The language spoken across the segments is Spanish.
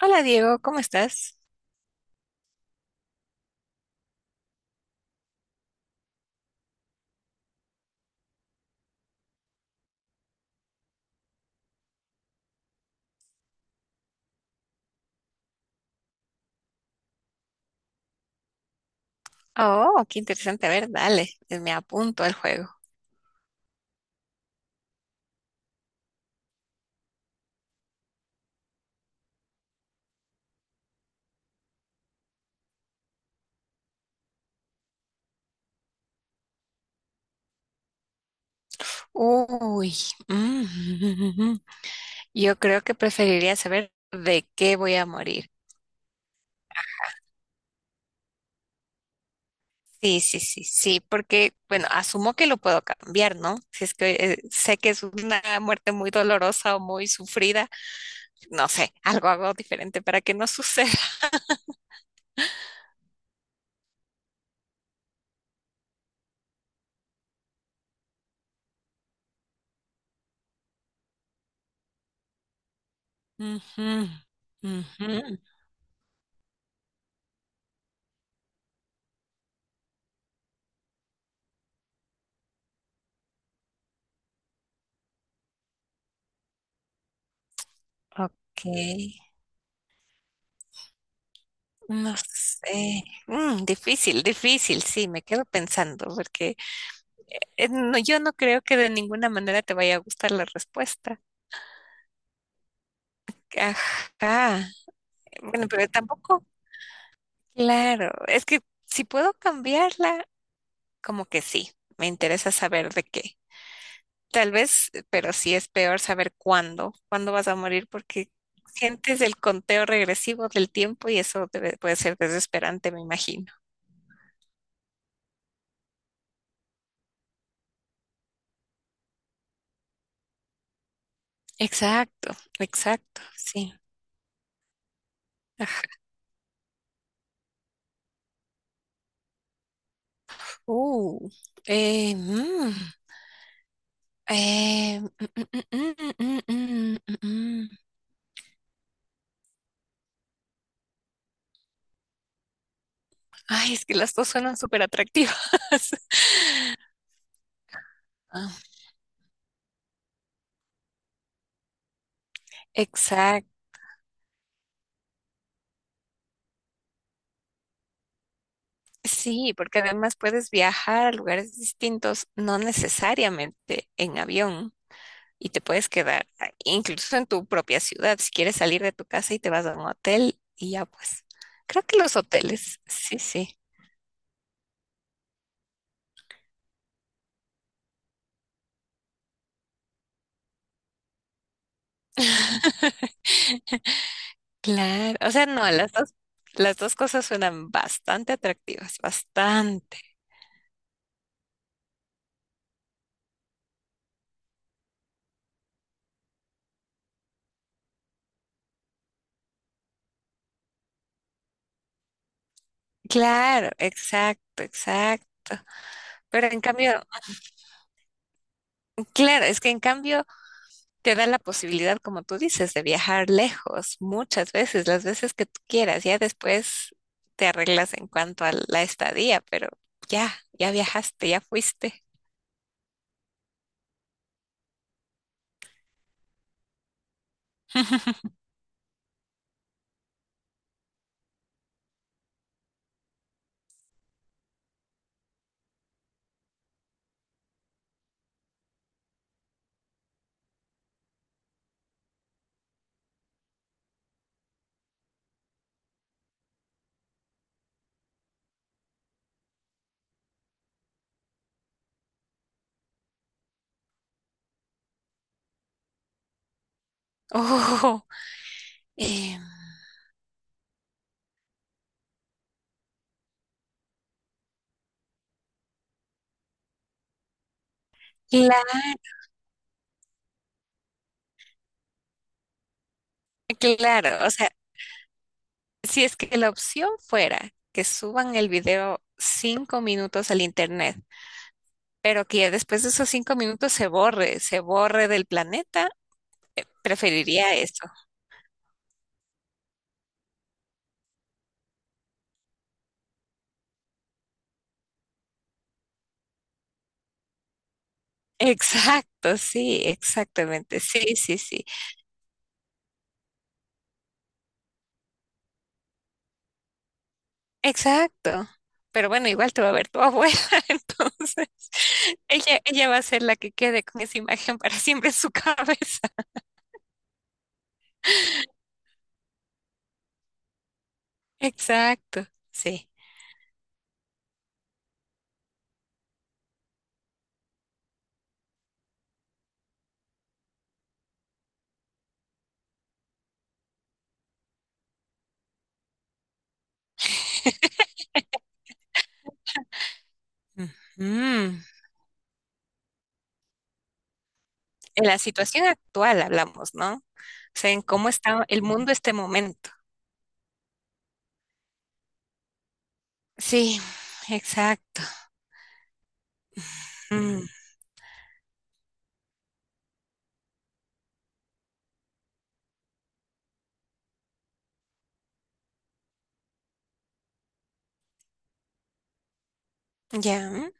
Hola Diego, ¿cómo estás? Oh, qué interesante. A ver, dale, me apunto al juego. Uy, mm, yo creo que preferiría saber de qué voy a morir. Sí, sí, sí, sí, porque, bueno, asumo que lo puedo cambiar, ¿no? Si es que sé que es una muerte muy dolorosa o muy sufrida, no sé, algo hago diferente para que no suceda. Ujú, ujú. Ok, no sé. Mm, difícil, difícil, sí, me quedo pensando, porque no, yo no creo que de ninguna manera te vaya a gustar la respuesta. Ajá. Bueno, pero tampoco, claro, es que si puedo cambiarla, como que sí, me interesa saber de qué. Tal vez, pero sí es peor saber cuándo, cuándo vas a morir, porque sientes el conteo regresivo del tiempo y eso puede ser desesperante, me imagino. Exacto, exacto, sí. Ajá. Uh, mm. Mm, mm, mm, mm, mm, mm, mm. mm. Ay, es que las dos suenan súper atractivas. Ah, Exacto. Sí, porque además puedes viajar a lugares distintos, no necesariamente en avión, y te puedes quedar incluso en tu propia ciudad, si quieres salir de tu casa y te vas a un hotel, y ya pues. Creo que los hoteles, sí, sí. Claro, o sea, no, las dos cosas suenan bastante atractivas, bastante. Claro, exacto, exacto. Pero en cambio, claro, es que en cambio te da la posibilidad, como tú dices, de viajar lejos muchas veces, las veces que tú quieras. Ya después te arreglas en cuanto a la estadía, pero ya, ya viajaste, ya fuiste. Oh, eh, claro, o sea, si es que la opción fuera que suban el video 5 minutos al internet, pero que ya después de esos 5 minutos se borre del planeta. Preferiría eso. Exacto, sí, exactamente. Sí, sí, sí. Exacto. Pero bueno, igual te va a ver tu abuela, entonces ella va a ser la que quede con esa imagen para siempre en su cabeza. Exacto, sí. Ujú. En la situación actual hablamos, ¿no? O sea, en cómo está el mundo este momento. Sí, exacto. Mm, ya,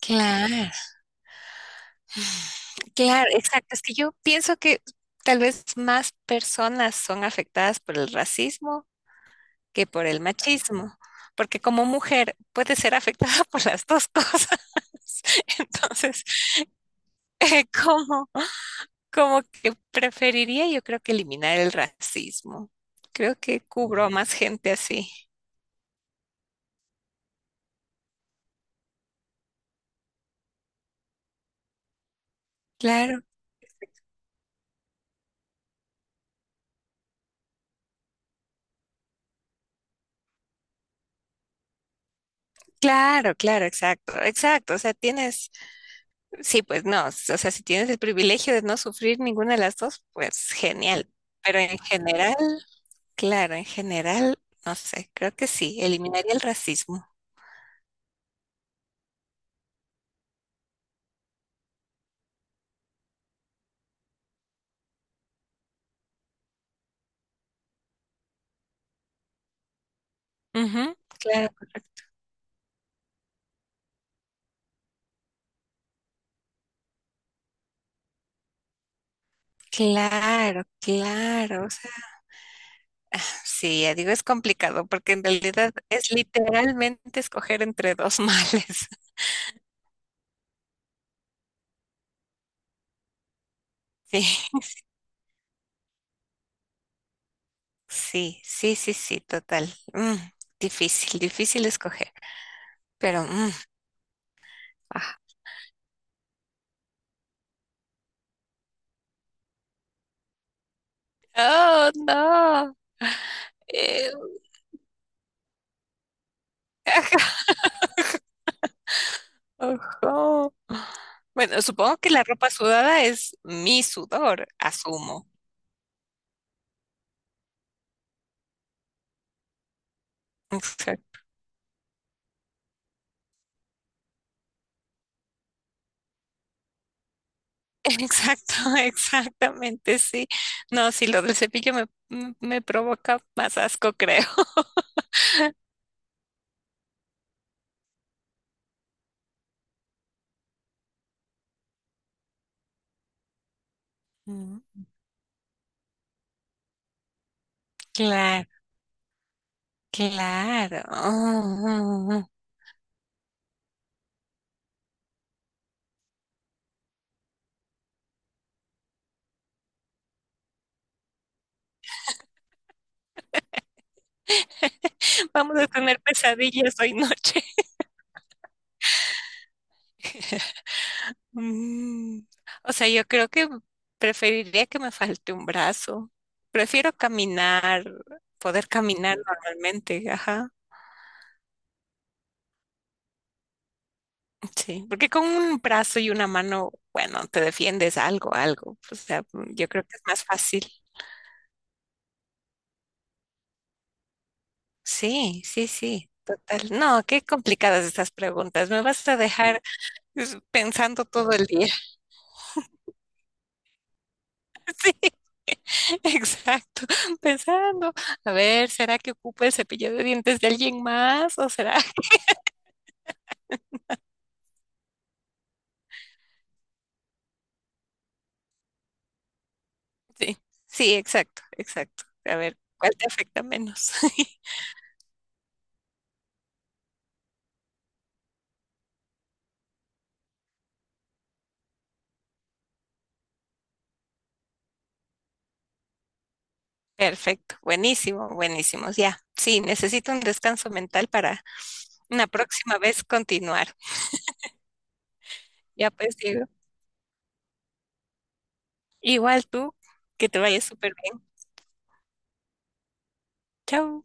claro. Claro, exacto. Es que yo pienso que tal vez más personas son afectadas por el racismo que por el machismo, porque como mujer puede ser afectada por las dos cosas. Entonces, eh, como, como que preferiría yo creo que eliminar el racismo. Creo que cubro a más gente así. Claro, claro, claro, exacto, exacto. O sea, tienes... Sí, pues no, o sea, si tienes el privilegio de no sufrir ninguna de las dos, pues genial. Pero en general, claro, en general, no sé, creo que sí, eliminaría el racismo. Ujú, claro, correcto. Claro, claro. O sea, sí, ya digo, es complicado porque en realidad es literalmente escoger entre dos males. Sí, sí, sí, sí, sí, total. Mm, difícil, difícil escoger. Pero, ah. Oh, no. Ojo. Bueno, supongo que la ropa sudada es mi sudor, asumo. Exacto. Exacto, exactamente, sí. No, sí, lo del cepillo me provoca más asco, creo. Mm. Claro, claro. Vamos a tener pesadillas hoy noche. Mm. O sea, yo creo que preferiría que me falte un brazo. Prefiero caminar, poder caminar normalmente, ajá. Sí, porque con un brazo y una mano, bueno, te defiendes algo, algo. O sea, yo creo que es más fácil. Sí, sí, sí, total. No, qué complicadas estas preguntas. Me vas a dejar es, pensando todo el día. Sí, exacto, pensando. A ver, ¿será que ocupa el cepillo de dientes de alguien más? ¿O será? Sí, sí, exacto, exacto. A ver, ¿cuál te afecta menos? Perfecto, buenísimo, buenísimo. Ya, sí, necesito un descanso mental para una próxima vez continuar. Ya pues digo, igual tú, que te vaya súper bien. Chao.